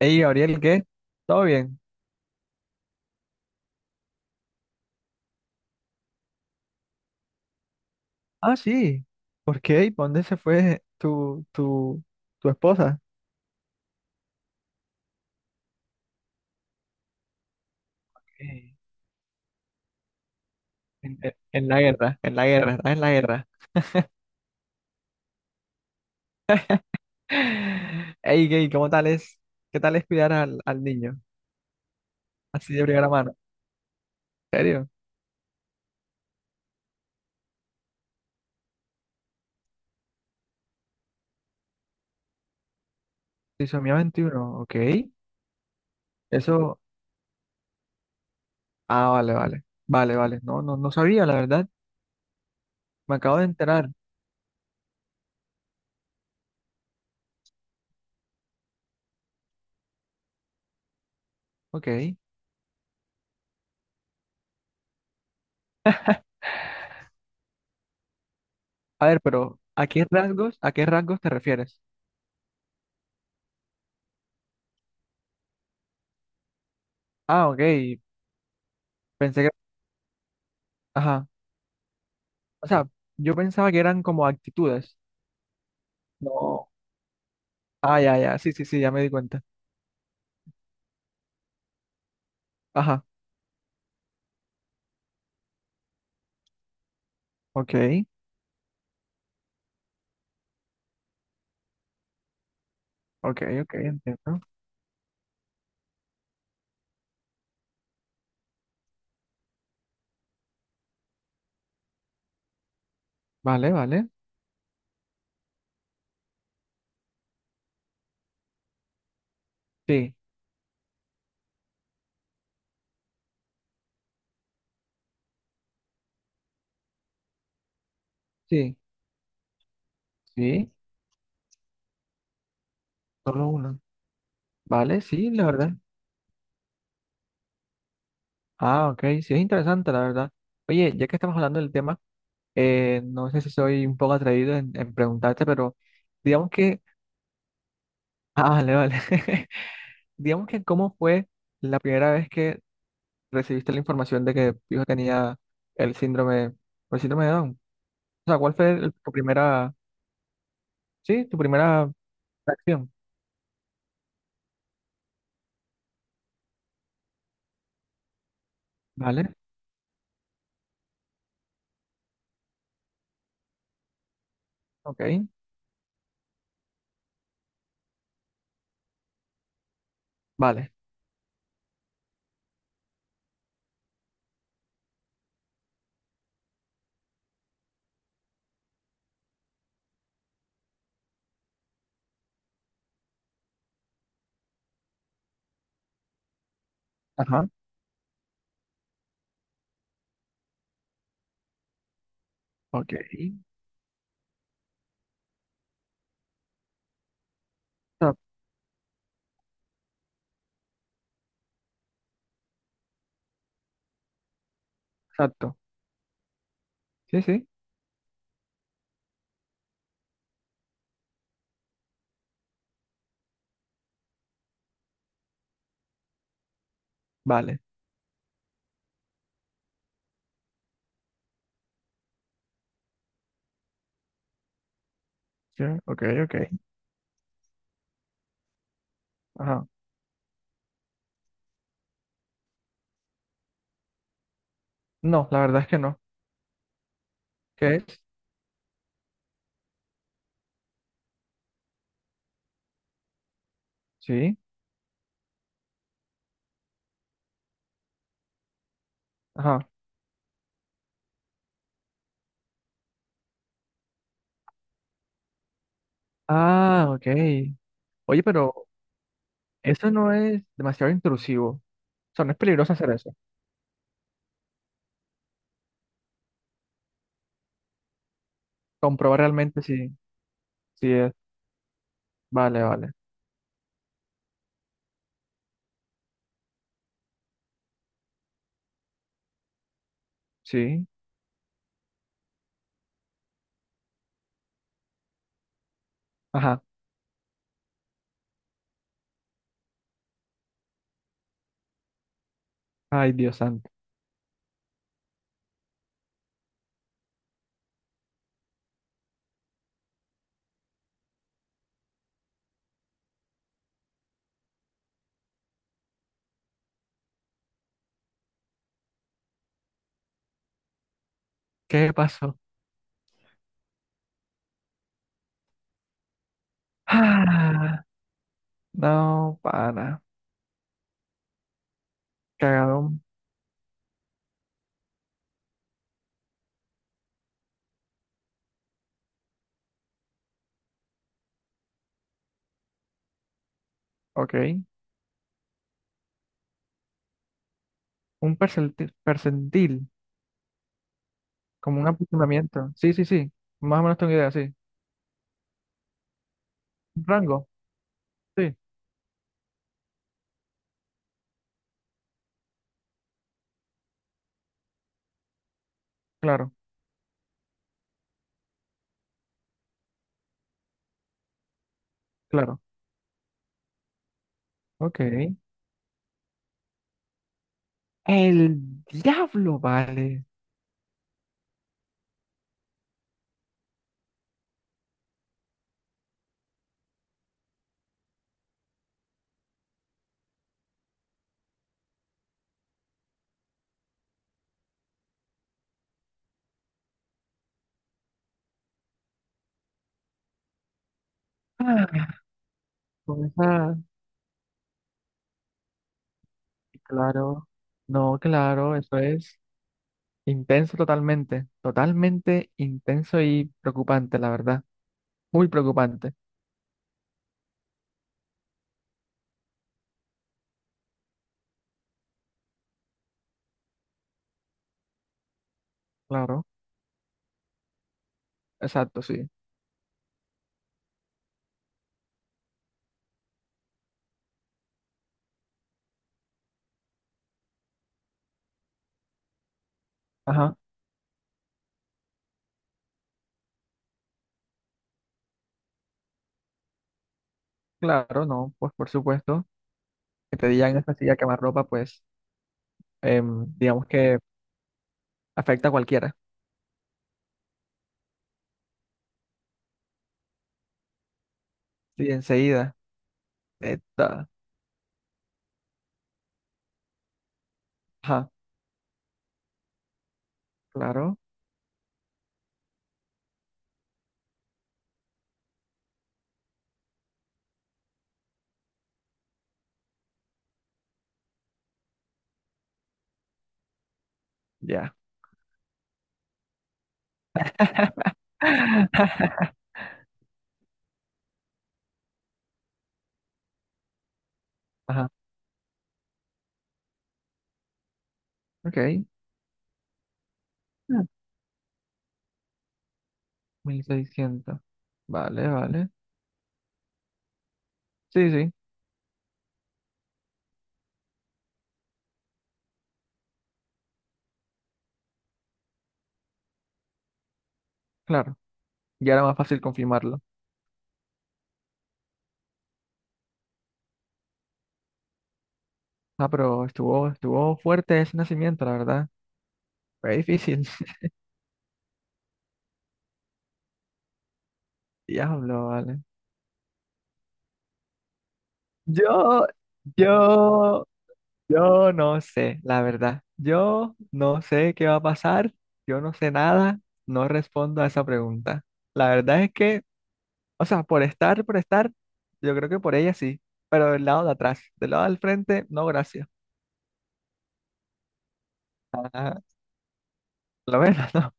Hey, Gabriel, ¿qué? ¿Todo bien? Ah, sí. ¿Por qué? ¿Y pa' dónde se fue tu esposa? Eh, en la guerra, en la guerra, estás en la guerra. Hey, ¿qué? ¿Cómo tal es? ¿Qué tal es cuidar al, al niño? Así de primera mano. ¿En serio? Trisomía 21. Ok. Eso. Ah, vale, vale. Vale, vale. No, no, no sabía, la verdad. Me acabo de enterar. Ok. A ver, pero a qué rasgos te refieres? Ah, ok. Pensé que. Ajá. O sea, yo pensaba que eran como actitudes. No. Ah, ya, ya, sí, sí, sí, ya me di cuenta. Ajá, ok, ok, ok, entiendo. Vale, vale. Sí, sí, sí, solo uno. Vale, sí, la verdad. Ah, ok, sí, es interesante, la verdad. Oye, ya que estamos hablando del tema, no sé si soy un poco atrevido en preguntarte, pero digamos que... Ah, vale, vale. Digamos que cómo fue la primera vez que recibiste la información de que tu hijo tenía el síndrome, el síndrome de Down. O sea, ¿cuál fue tu primera, sí, tu primera reacción? Vale, ok, vale, ajá, ok, ta- exacto, sí, sí, vale, sí, ok, ok, ajá. No, la verdad es que no. ¿Qué es? Sí, ajá. Ah, ok. Oye, pero eso no es demasiado intrusivo. O sea, no es peligroso hacer eso. Comprobar realmente si, si es. Vale, vale, sí, ajá. Ay, Dios santo. ¿Qué pasó? Ah, no, para. Cagadón, ok. Un percentil, percentil, como un aproximamiento. Sí, sí, sí. Más o menos tengo idea, sí. Un rango. Sí, claro, claro. Ok. El diablo, vale. Ah, con esa- Claro. No, claro, eso es intenso totalmente. Totalmente intenso y preocupante, la verdad. Muy preocupante. Claro, exacto, sí. Ajá. Claro, no, pues por supuesto. Que te digan esta silla quemar ropa, pues, digamos que afecta a cualquiera. Sí, enseguida. Esta. Ajá, claro, ya. Ajá, ok. Ah, 1600, vale, vale. Sí, sí, claro. Ya era más fácil confirmarlo. Ah, pero estuvo, estuvo fuerte ese nacimiento, la verdad. Fue difícil. Diablo, vale. Yo, yo, yo no sé, la verdad. Yo no sé qué va a pasar. Yo no sé nada. No respondo a esa pregunta. La verdad es que, o sea, por estar, yo creo que por ella sí, pero del lado de atrás, del lado del frente, no, gracias. Ajá, lo ven, no,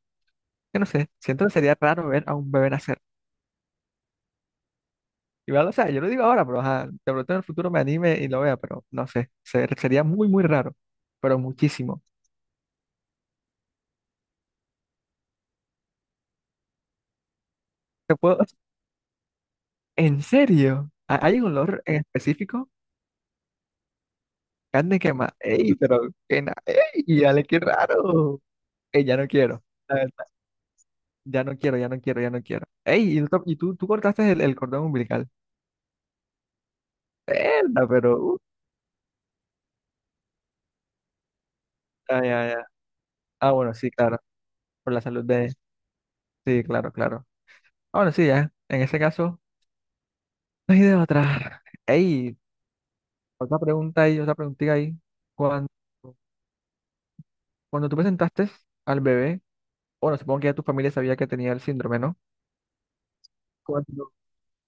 que no sé, siento que sería raro ver a un bebé nacer. Igual, o sea, yo lo digo ahora, pero ajá, de pronto en el futuro me anime y lo vea, pero no sé, sería muy, muy raro, pero muchísimo. ¿Te puedo... ¿En serio? ¿Hay un olor en específico? Carne quema. ¡Ey, pero ¡Ey, dale, qué raro! ¡Ey, ya no quiero! La verdad, ya no quiero, ya no quiero, ya no quiero. ¡Ey, y tú, tú cortaste el cordón umbilical! Verdad, pero... ah, ya, ya. Ah, bueno, sí, claro. Por la salud de... Sí, claro, claro. Ah, bueno, sí, ya. En ese caso, no hay de otra. Ey, otra pregunta ahí, otra preguntita ahí. Cuando, cuando tú presentaste al bebé, bueno, supongo que ya tu familia sabía que tenía el síndrome, ¿no? Cuando-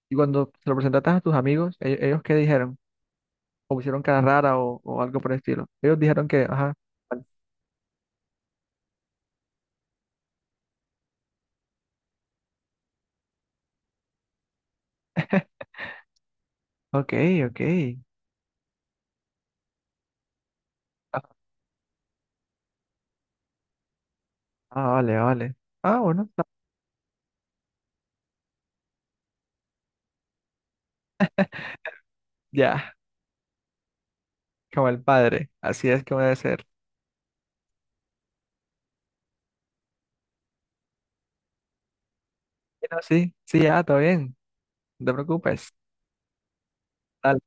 y cuando se lo presentaste a tus amigos, ¿ellos qué dijeron? ¿O pusieron cara rara o algo por el estilo? Ellos dijeron que, ajá, vale. Ok, ok. Ah, ah, vale, vale. Ah, bueno, ya, como el padre. Así es como debe ser. No, sí, sí, ya, todo bien. No te preocupes. Dale,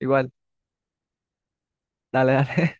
igual. Dale, dale.